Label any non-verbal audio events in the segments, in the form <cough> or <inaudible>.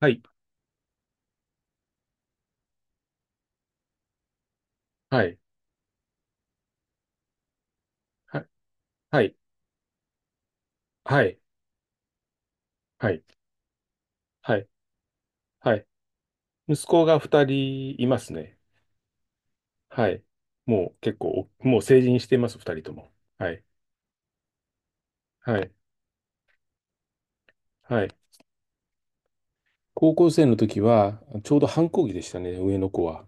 はい、はい、はい、はい、はい、はい、はい、はい。息子が二人いますね。はい。もう結構、成人しています、二人とも。はい、はい、はい。高校生の時は、ちょうど反抗期でしたね、上の子は。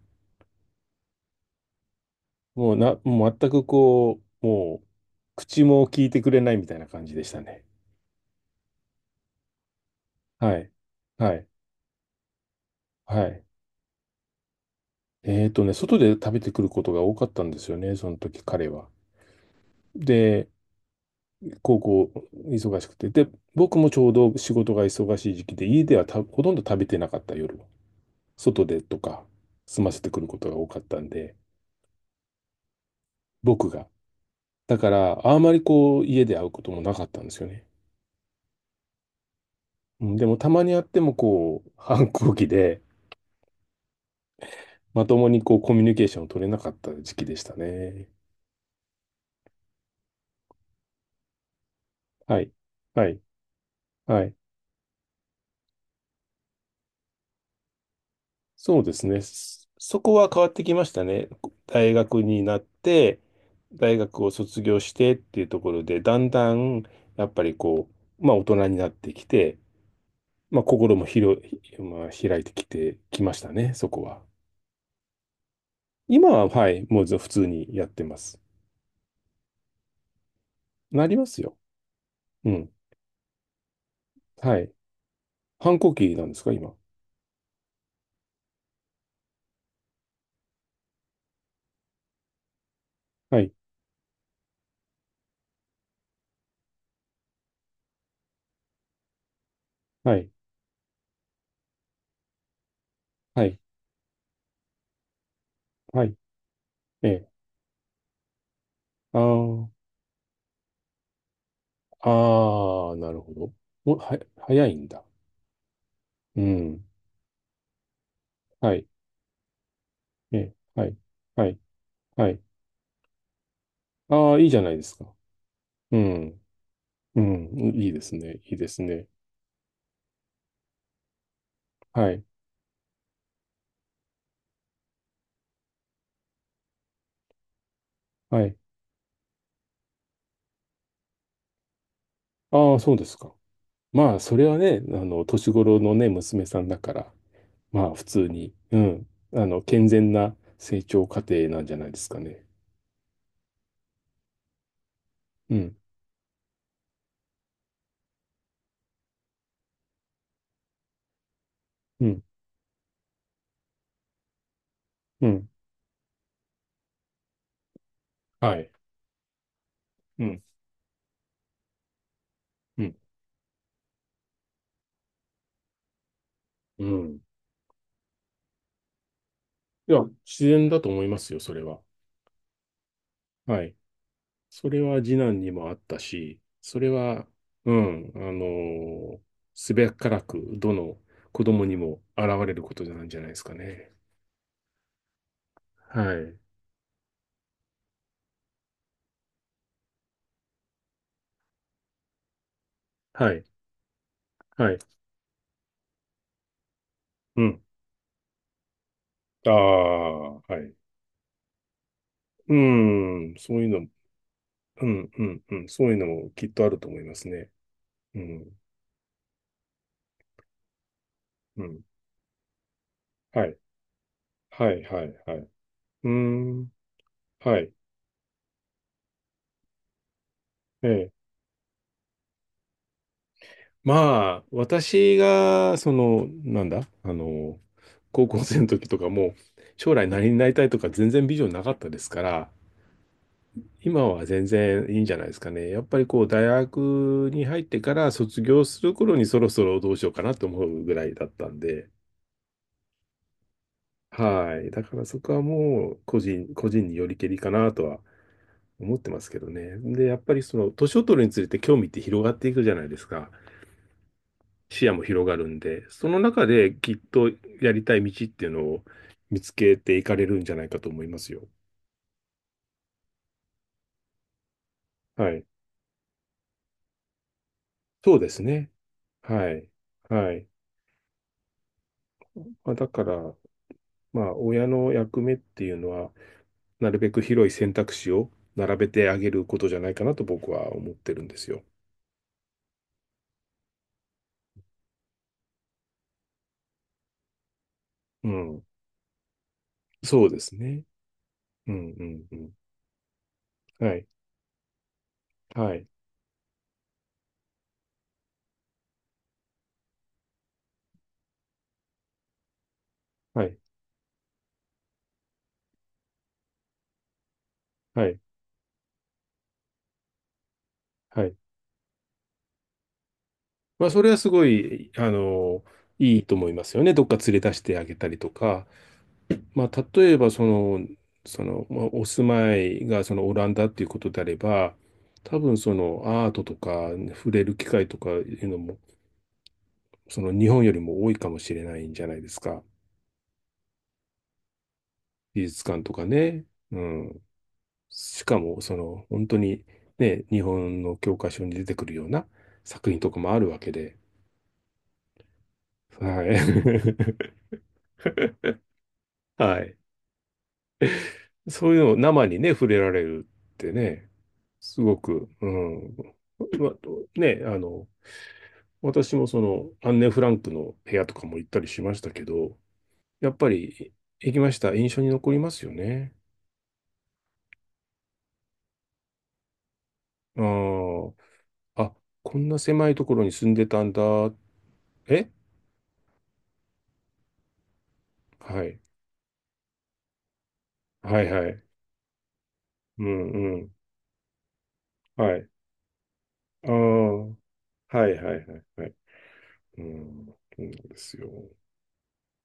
もうな、もう全くこう、口も聞いてくれないみたいな感じでしたね。はい、はい、はい。外で食べてくることが多かったんですよね、その時彼は。で、高校忙しくて。で、僕もちょうど仕事が忙しい時期で、家ではたほとんど食べてなかった夜は。外でとか、済ませてくることが多かったんで、僕が。だから、あまりこう、家で会うこともなかったんですよね。うんでも、たまに会ってもこう、反抗期で、まともにこう、コミュニケーションを取れなかった時期でしたね。はい。はい。はい。そうですね。そそこは変わってきましたね。大学になって、大学を卒業してっていうところで、だんだん、やっぱりこう、まあ大人になってきて、まあ心も広い、まあ、開いてきてきましたね、そこは。今は、はい、もうず普通にやってます。なりますよ。うん。はい。反抗期なんですか、今？はい。はい。はい。はい。ええ。あーあ、ー、なるほど。お、は、早いんだ。うん。はい。ええ、はい、はい、はい。ああ、いいじゃないですか。うん、うん、いいですね、いいですね。はい、はい。ああ、そうですか。まあ、それはね、年頃のね、娘さんだから、まあ、普通に、うん、健全な成長過程なんじゃないですかね。うん、うん、うん。はい。うん、うん、うん。いや、自然だと思いますよ、それは。はい。それは次男にもあったし、それは、うん、すべからく、どの子供にも現れることなんじゃないですかね。はい。はい。はい。うん。ああ、はい。うん、そういうの、うん、うん、うん、そういうのもきっとあると思いますね。うん、うん。はい。はい、はい、はい。うーん、はい。ええ。まあ、私が、その、なんだ、あの高校生の時とかも、将来何になりたいとか全然ビジョンなかったですから、今は全然いいんじゃないですかね。やっぱりこう、大学に入ってから卒業する頃にそろそろどうしようかなと思うぐらいだったんで、はい。だからそこはもう個人によりけりかなとは思ってますけどね。で、やっぱりその年を取るにつれて興味って広がっていくじゃないですか。視野も広がるんで、その中できっとやりたい道っていうのを見つけていかれるんじゃないかと思いますよ。はい。そうですね。はい。はい。まあ、だから、まあ、親の役目っていうのは、なるべく広い選択肢を並べてあげることじゃないかなと僕は思ってるんですよ。うん。そうですね。うん、うん、うん。はい。はい。はい。はい。はい。まあ、それはすごい、いいと思いますよね。どっか連れ出してあげたりとか。まあ、例えば、まあ、お住まいがそのオランダっていうことであれば、多分そのアートとか触れる機会とかいうのも、その日本よりも多いかもしれないんじゃないですか。美術館とかね。うん。しかもその本当にね、日本の教科書に出てくるような作品とかもあるわけで。はい。<laughs> はい。そういうのを生にね、触れられるってね、すごく、うん。まあね、私もその、アンネ・フランクの部屋とかも行ったりしましたけど、やっぱり行きました。印象に残りますよね。あー、あ、こんな狭いところに住んでたんだ。え、はい。はいはい。うんうん。はい。ああ。はいはいはいはい。うん。そうなんですよ。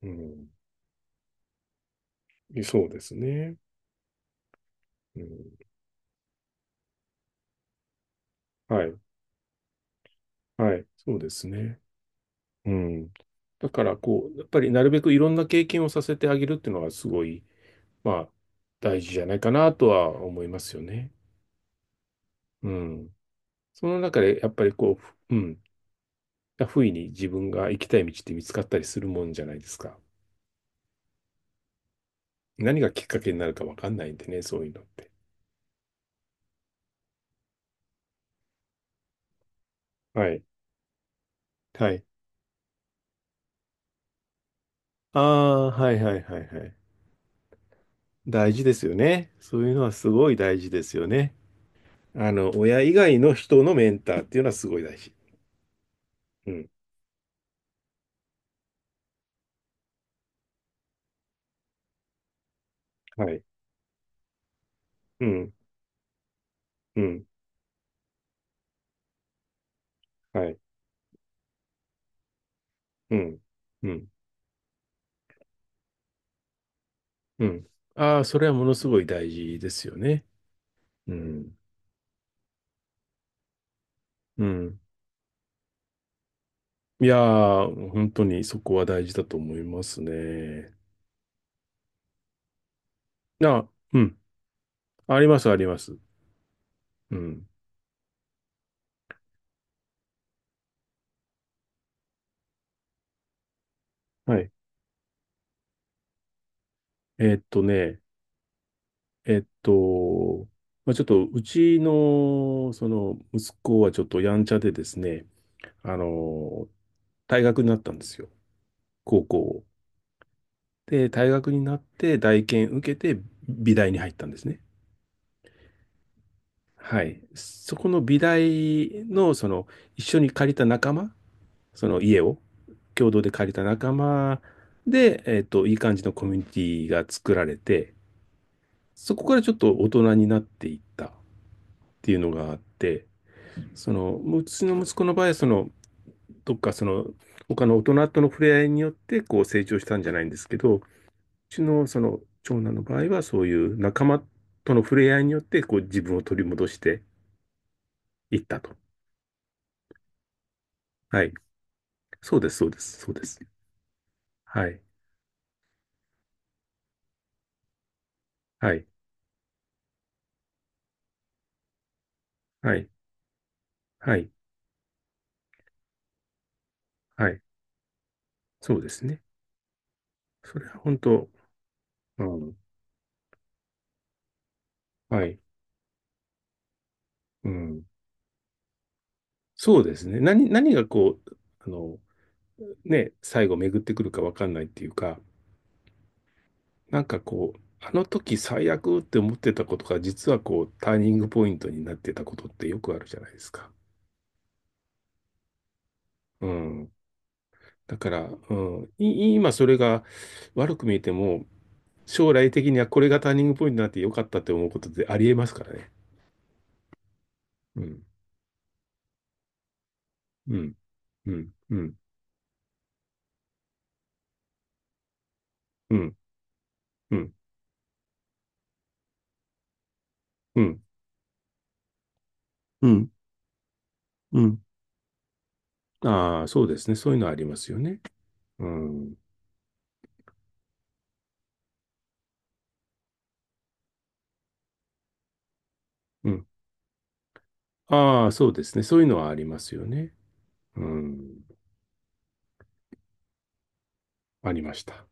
うん。そうですね。うん。はい。はい。そうですね。うん。だから、こう、やっぱりなるべくいろんな経験をさせてあげるっていうのがすごいまあ、大事じゃないかなとは思いますよね。うん。その中で、やっぱりこう、ふうん、不意に自分が行きたい道って見つかったりするもんじゃないですか。何がきっかけになるかわかんないんでね、そういうのって。はい。はい。ああ、はいはいはいはい。大事ですよね。そういうのはすごい大事ですよね。親以外の人のメンターっていうのはすごい大事。うん。はい。うん。うん。はい。うん。うん。うん。ああ、それはものすごい大事ですよね。うん。うん。いやー、本当にそこは大事だと思いますね。あ、うん。あります、あります。うん。はい。ね、えーっと、まあ、ちょっと、うちの、その、息子はちょっとやんちゃでですね、あの、退学になったんですよ。高校を。で、大学になって、大検受けて、美大に入ったんですね。はい。そこの美大の、その、一緒に借りた仲間、その家を、共同で借りた仲間で、えっと、いい感じのコミュニティが作られて、そこからちょっと大人になっていったっていうのがあって、その、うちの息子の場合は、その、どっかその、他の大人との触れ合いによって、こう成長したんじゃないんですけど、うちのその、長男の場合は、そういう仲間との触れ合いによって、こう自分を取り戻していったと。はい。そうです、そうです、そうです。はい。はい。はい。はい。はい。そうですね。それは本当、うん、はい。うん。そうですね。何、何がこう、ね、最後巡ってくるかわかんないっていうか、なんかこう、あの時最悪って思ってたことが、実はこう、ターニングポイントになってたことってよくあるじゃないですか。うん。だから、うん、い今それが悪く見えても、将来的にはこれがターニングポイントになってよかったって思うことってありえますからね。うん。うん。うん。うん。うん。うん。うん。うん。うん、ああ、そうですね。そういうのはありますよね。うん。うん。ああ、そうですね。そういうのはありますよね。うん。ありました。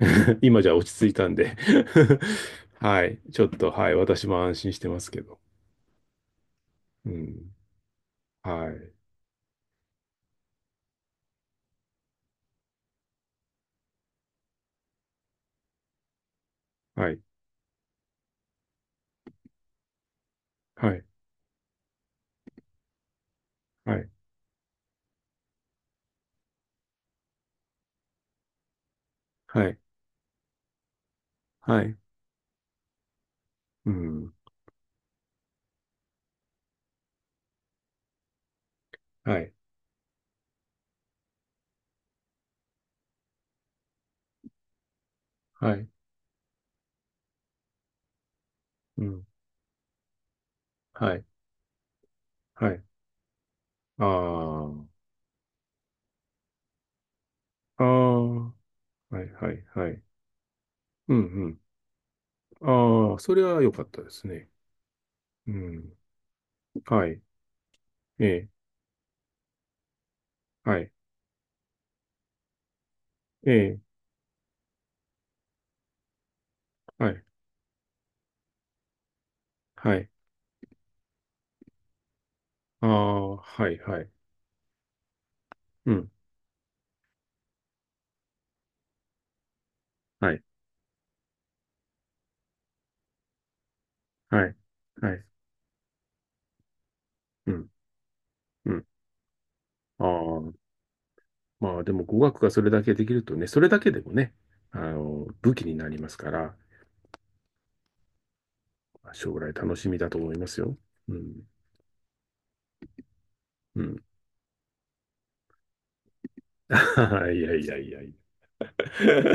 <laughs> 今じゃ落ち着いたんで <laughs> はい。ちょっと、はい。私も安心してますけど。うん。はい。はい。はい。はい。はい。はい。うん。はい。はい。うん。はい。はい。ああ。ああ。はい。はい。はい。うん。うん。ああ、それは良かったですね。うん。はい。ええ。はい。ええ。はい。はい。ああ、はいはい。うん。はい。はい。はい。うん。うん。ああ。まあでも語学がそれだけできるとね、それだけでもね、武器になりますから、将来楽しみだと思いますよ。うん。うん。<laughs> いやいやいやいや。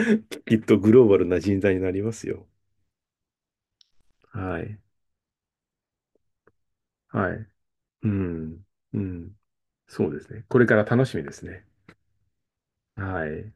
<laughs> きっとグローバルな人材になりますよ。はい。はい。うん。うん。そうですね。これから楽しみですね。はい。